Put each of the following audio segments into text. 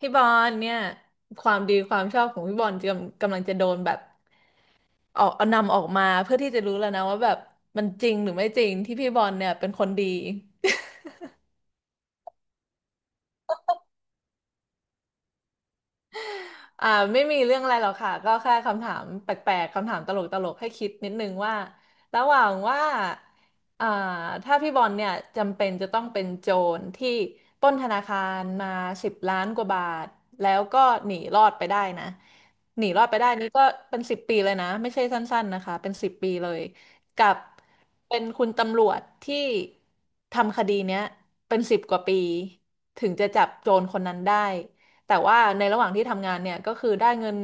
พี่บอลเนี่ยความดีความชอบของพี่บอลกำลังจะโดนแบบออกเอานำออกมาเพื่อที่จะรู้แล้วนะว่าแบบมันจริงหรือไม่จริงที่พี่บอลเนี่ยเป็นคนดี อ่าไม่มีเรื่องอะไรหรอกค่ะก็แค่คำถามแปลกๆคำถามตลกๆให้คิดนิดนึงว่าระหว่างว่าอ่าถ้าพี่บอลเนี่ยจำเป็นจะต้องเป็นโจรที่ปล้นธนาคารมา10 ล้านกว่าบาทแล้วก็หนีรอดไปได้นะหนีรอดไปได้นี่ก็เป็นสิบปีเลยนะไม่ใช่สั้นๆนะคะเป็นสิบปีเลยกับเป็นคุณตำรวจที่ทำคดีเนี้ยเป็นสิบกว่าปีถึงจะจับโจรคนนั้นได้ แต่ว่าในระหว่างที่ทำงานเนี่ยก็คือได้เงิน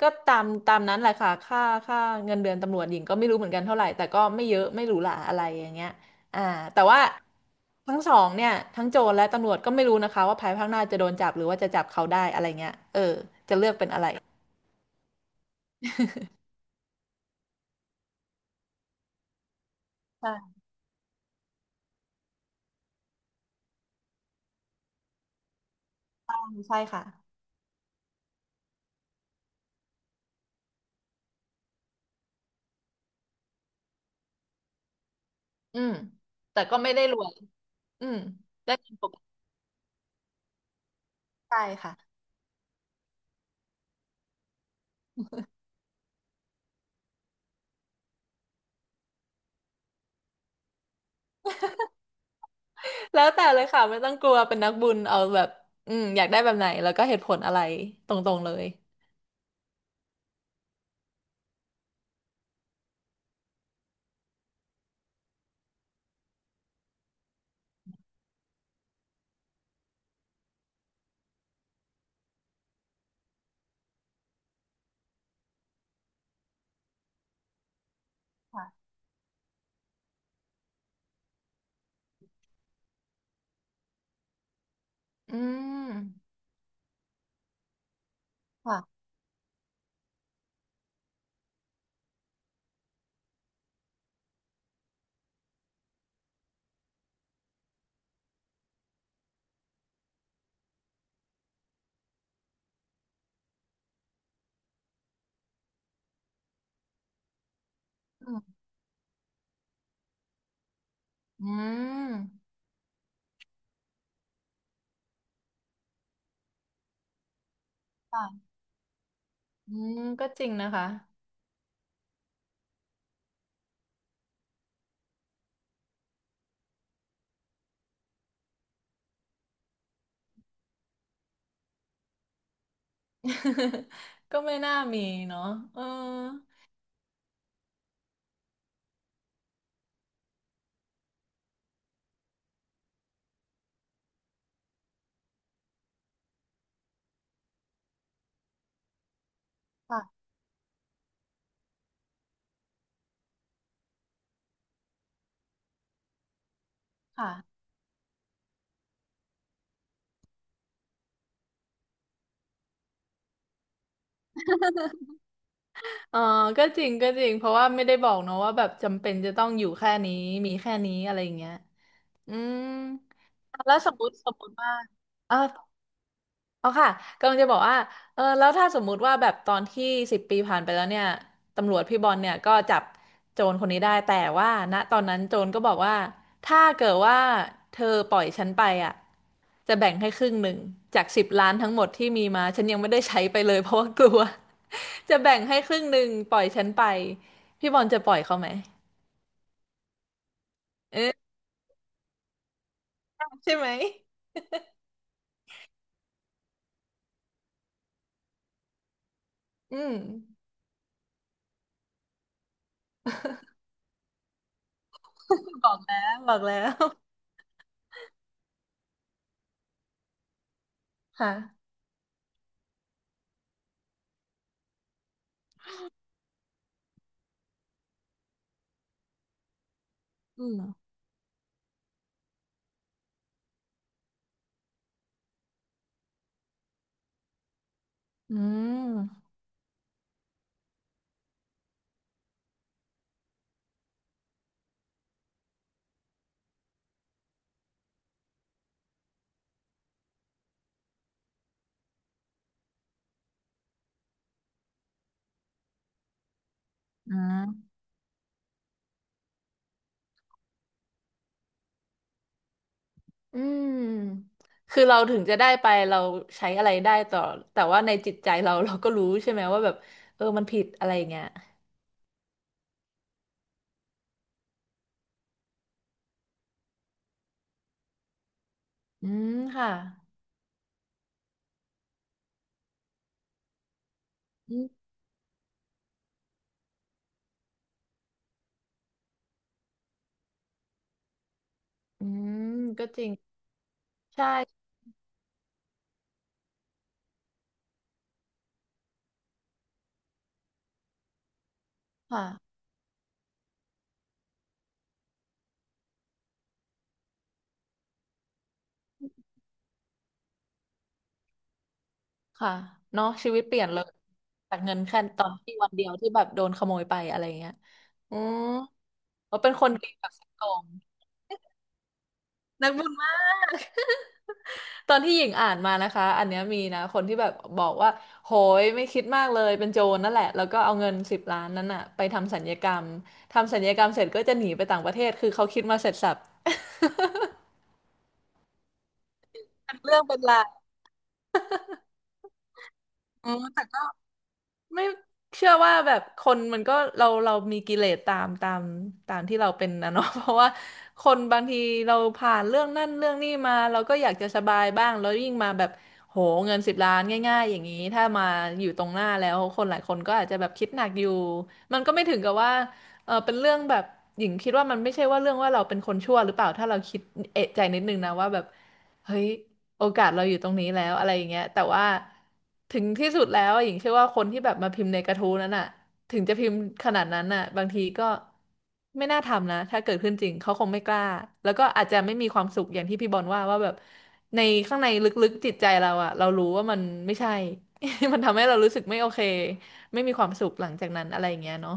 ก็ตามนั้นแหละค่ะค่าเงินเดือนตำรวจหญิงก็ไม่รู้เหมือนกันเท่าไหร่แต่ก็ไม่เยอะไม่หรูหราอะไรอย่างเงี้ยอ่าแต่ว่าทั้งสองเนี่ยทั้งโจรและตำรวจก็ไม่รู้นะคะว่าภายภาคหน้าจะโดนจับหรือว่าจะจับเขาได้อะไรเงี้ยเออจะเลือกเป็นอะไรใช่ใช่ค่ะอืมแต่ก็ไม่ได้รวยอืมได้เงินปกติใช่ค่ะแล้วแต่เลยค่ะไม่ต้องกลัวเป็นนักบุญเอาแบบอืมอยากได้แบบไหนแล้วก็เหตุผลอะไรตรงๆเลย อืมค่ะอืมค่ะอืมก็จริงนะคะ ก็ไม่น่ามีเนาะเออค่ะค่ะเออก็จริงก็จริงเพราะว่าไม่ได้บอกเนาะว่าแบบจำเป็นจะต้องอยู่แค่นี้มีแค่นี้อะไรอย่างเงี้ยอืมแล้วสมมติว่าเออ อ๋อค่ะกำลังจะบอกว่าเออแล้วถ้าสมมุติว่าแบบตอนที่สิบปีผ่านไปแล้วเนี่ยตำรวจพี่บอลเนี่ยก็จับโจรคนนี้ได้แต่ว่าณตอนนั้นโจรก็บอกว่าถ้าเกิดว่าเธอปล่อยฉันไปอ่ะจะแบ่งให้ครึ่งหนึ่งจากสิบล้านทั้งหมดที่มีมาฉันยังไม่ได้ใช้ไปเลยเพราะว่ากลัว จะแบ่งให้ครึ่งหนึ่งปล่อยฉันไปพี่บอลจะปล่อยเขาไหมเออใช่ไหมอืมบอกแล้วบอกแล้วค่ะอืมอืมอืม อืมคือเราถึงจะได้ไปเราใช้อะไรได้ต่อแต่ว่าในจิตใจเราก็รู้ใช่ไหมว่าแบบเออมันผิดอะไรอย่างเงี้ยอืมค่ะอืมอืมก็จริงใช่ค่ะค่ะเนาะชีวิตเปลี่ยนเลยจากเงินแค่ตอนที่วันเดียวที่แบบโดนขโมยไปอะไรเงี้ยอืมเราเป็นคนดีแบบสดโตรงนักบุญมาก ตอนที่หญิงอ่านมานะคะ อันเนี้ยมีนะคนที่แบบบอกว่าโหยไม่คิดมากเลยเป็นโจรนั่นแหละแล้วก็เอาเงินสิบล้านนั้นอะไปทำสัญญกรรมทำสัญญกรรมเสร็จก็จะหนีไปต่างประเทศคือเขาคิดมาเสร็จสับ เป็นเรื่องเป็นราวอืมแต่ก็ ไม่เชื่อว่าแบบคนมันก็เรามีกิเลสตามที่เราเป็นนะเนาะ เพราะว่าคนบางทีเราผ่านเรื่องนั่นเรื่องนี้มาเราก็อยากจะสบายบ้างแล้วยิ่งมาแบบโหเงินสิบล้านง่ายๆอย่างนี้ถ้ามาอยู่ตรงหน้าแล้วคนหลายคนก็อาจจะแบบคิดหนักอยู่มันก็ไม่ถึงกับว่าเออเป็นเรื่องแบบหญิงคิดว่ามันไม่ใช่ว่าเรื่องว่าเราเป็นคนชั่วหรือเปล่าถ้าเราคิดเอะใจนิดนึงนะว่าแบบเฮ้ย โอกาสเราอยู่ตรงนี้แล้วอะไรอย่างเงี้ยแต่ว่าถึงที่สุดแล้วหญิงเชื่อว่าคนที่แบบมาพิมพ์ในกระทู้นั้นอ่ะถึงจะพิมพ์ขนาดนั้นอ่ะบางทีก็ไม่น่าทำนะถ้าเกิดขึ้นจริงเขาคงไม่กล้าแล้วก็อาจจะไม่มีความสุขอย่างที่พี่บอลว่าว่าแบบในข้างในลึกๆจิตใจเราอ่ะเรารู้ว่ามันไม่ใช่ มันทำให้เรารู้สึกไม่โอเคไม่มีความสุขหลังจากนั้นอะไรอย่างเงี้ยเนาะ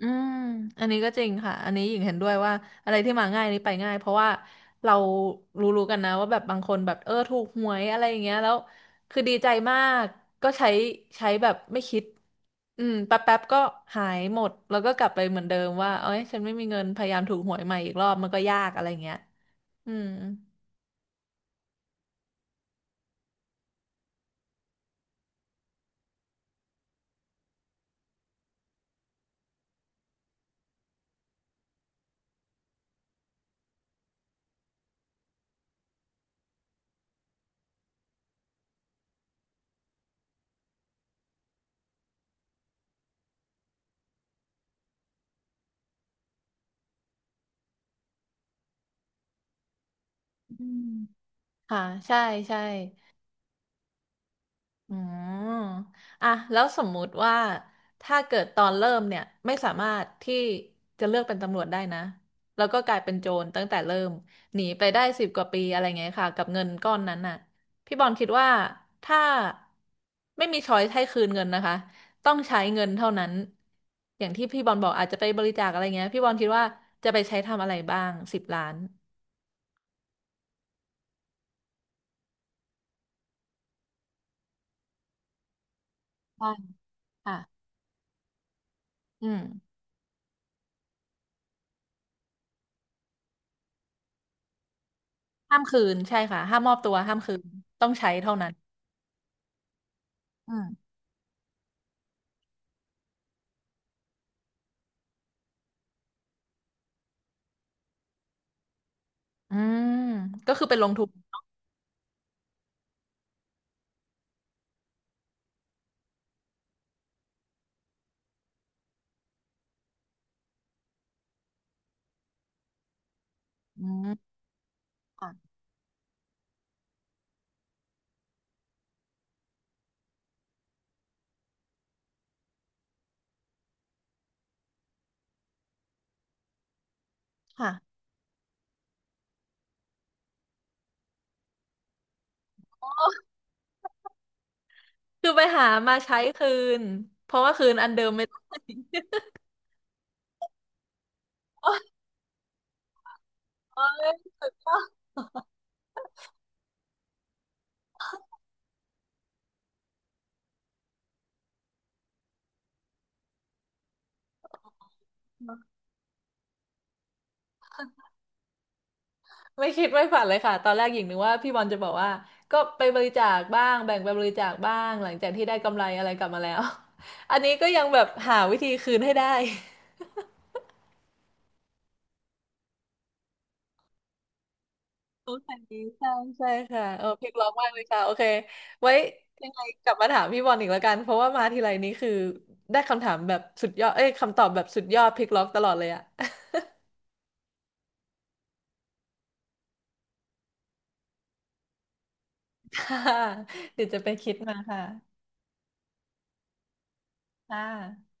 อืม อันนี้ก็จริงค่ะ อันนี้หญิงเห็นด้วยว่าอะไรที่มาง่ายนี่ไปง่ายเพราะว่าเรารู้ๆกันนะว่าแบบบางคนแบบเออถูกหวยอะไรอย่างเงี้ยแล้วคือดีใจมากก็ใช้ใช้แบบไม่คิดอืมแป๊บๆก็หายหมดแล้วก็กลับไปเหมือนเดิมว่าเอ้ยฉันไม่มีเงินพยายามถูกหวยใหม่อีกรอบมันก็ยากอะไรอย่างเงี้ยอืมอืมค่ะใช่ใช่ อืมอ่ะแล้วสมมุติว่าถ้าเกิดตอนเริ่มเนี่ยไม่สามารถที่จะเลือกเป็นตำรวจได้นะแล้วก็กลายเป็นโจรตั้งแต่เริ่มหนีไปได้สิบกว่าปีอะไรเงี้ยค่ะกับเงินก้อนนั้นน่ะพี่บอลคิดว่าถ้าไม่มีช้อยให้คืนเงินนะคะต้องใช้เงินเท่านั้นอย่างที่พี่บอลบอกอาจจะไปบริจาคอะไรเงี้ยพี่บอลคิดว่าจะไปใช้ทำอะไรบ้างสิบล้านได้ค่ะอืมห้ามคืนใช่ค่ะห้ามมอบตัวห้ามคืนต้องใช้เท่านั้นอืม อืมก็คือเป็นลงทุนอืมค่ะค่ะคือไปหามาใช้คืนเพราะว่าคืนอันเดิมไม่ได้ ไม่คิดไม่ฝันเลยค่ะตอนแรกหญิงนึกว่าพี่บอลจะบอกว่าก็ไปบริจาคบ้างแบ่งไปบริจาคบ้างหลังจากที่ได้กำไรอะไรกลับมาแล้ว อันนี้ก็ยังแบบหาวิธีคืนให้ได้ โอเคใช่ใช่ค่ะเออเพลงร้องมากเลยค่ะโอเคไว้ยังไงกลับมาถามพี่บอลอีกแล้วกันเพราะว่ามาทีไรนี้คือได้คำถามแบบสุดยอดเอ้ยคำตอบแบบสุดยอดพลิกล็อกตลอดเลยอะ ค่ะเดี๋ยวจะไปคิดมาค่ะค่ะ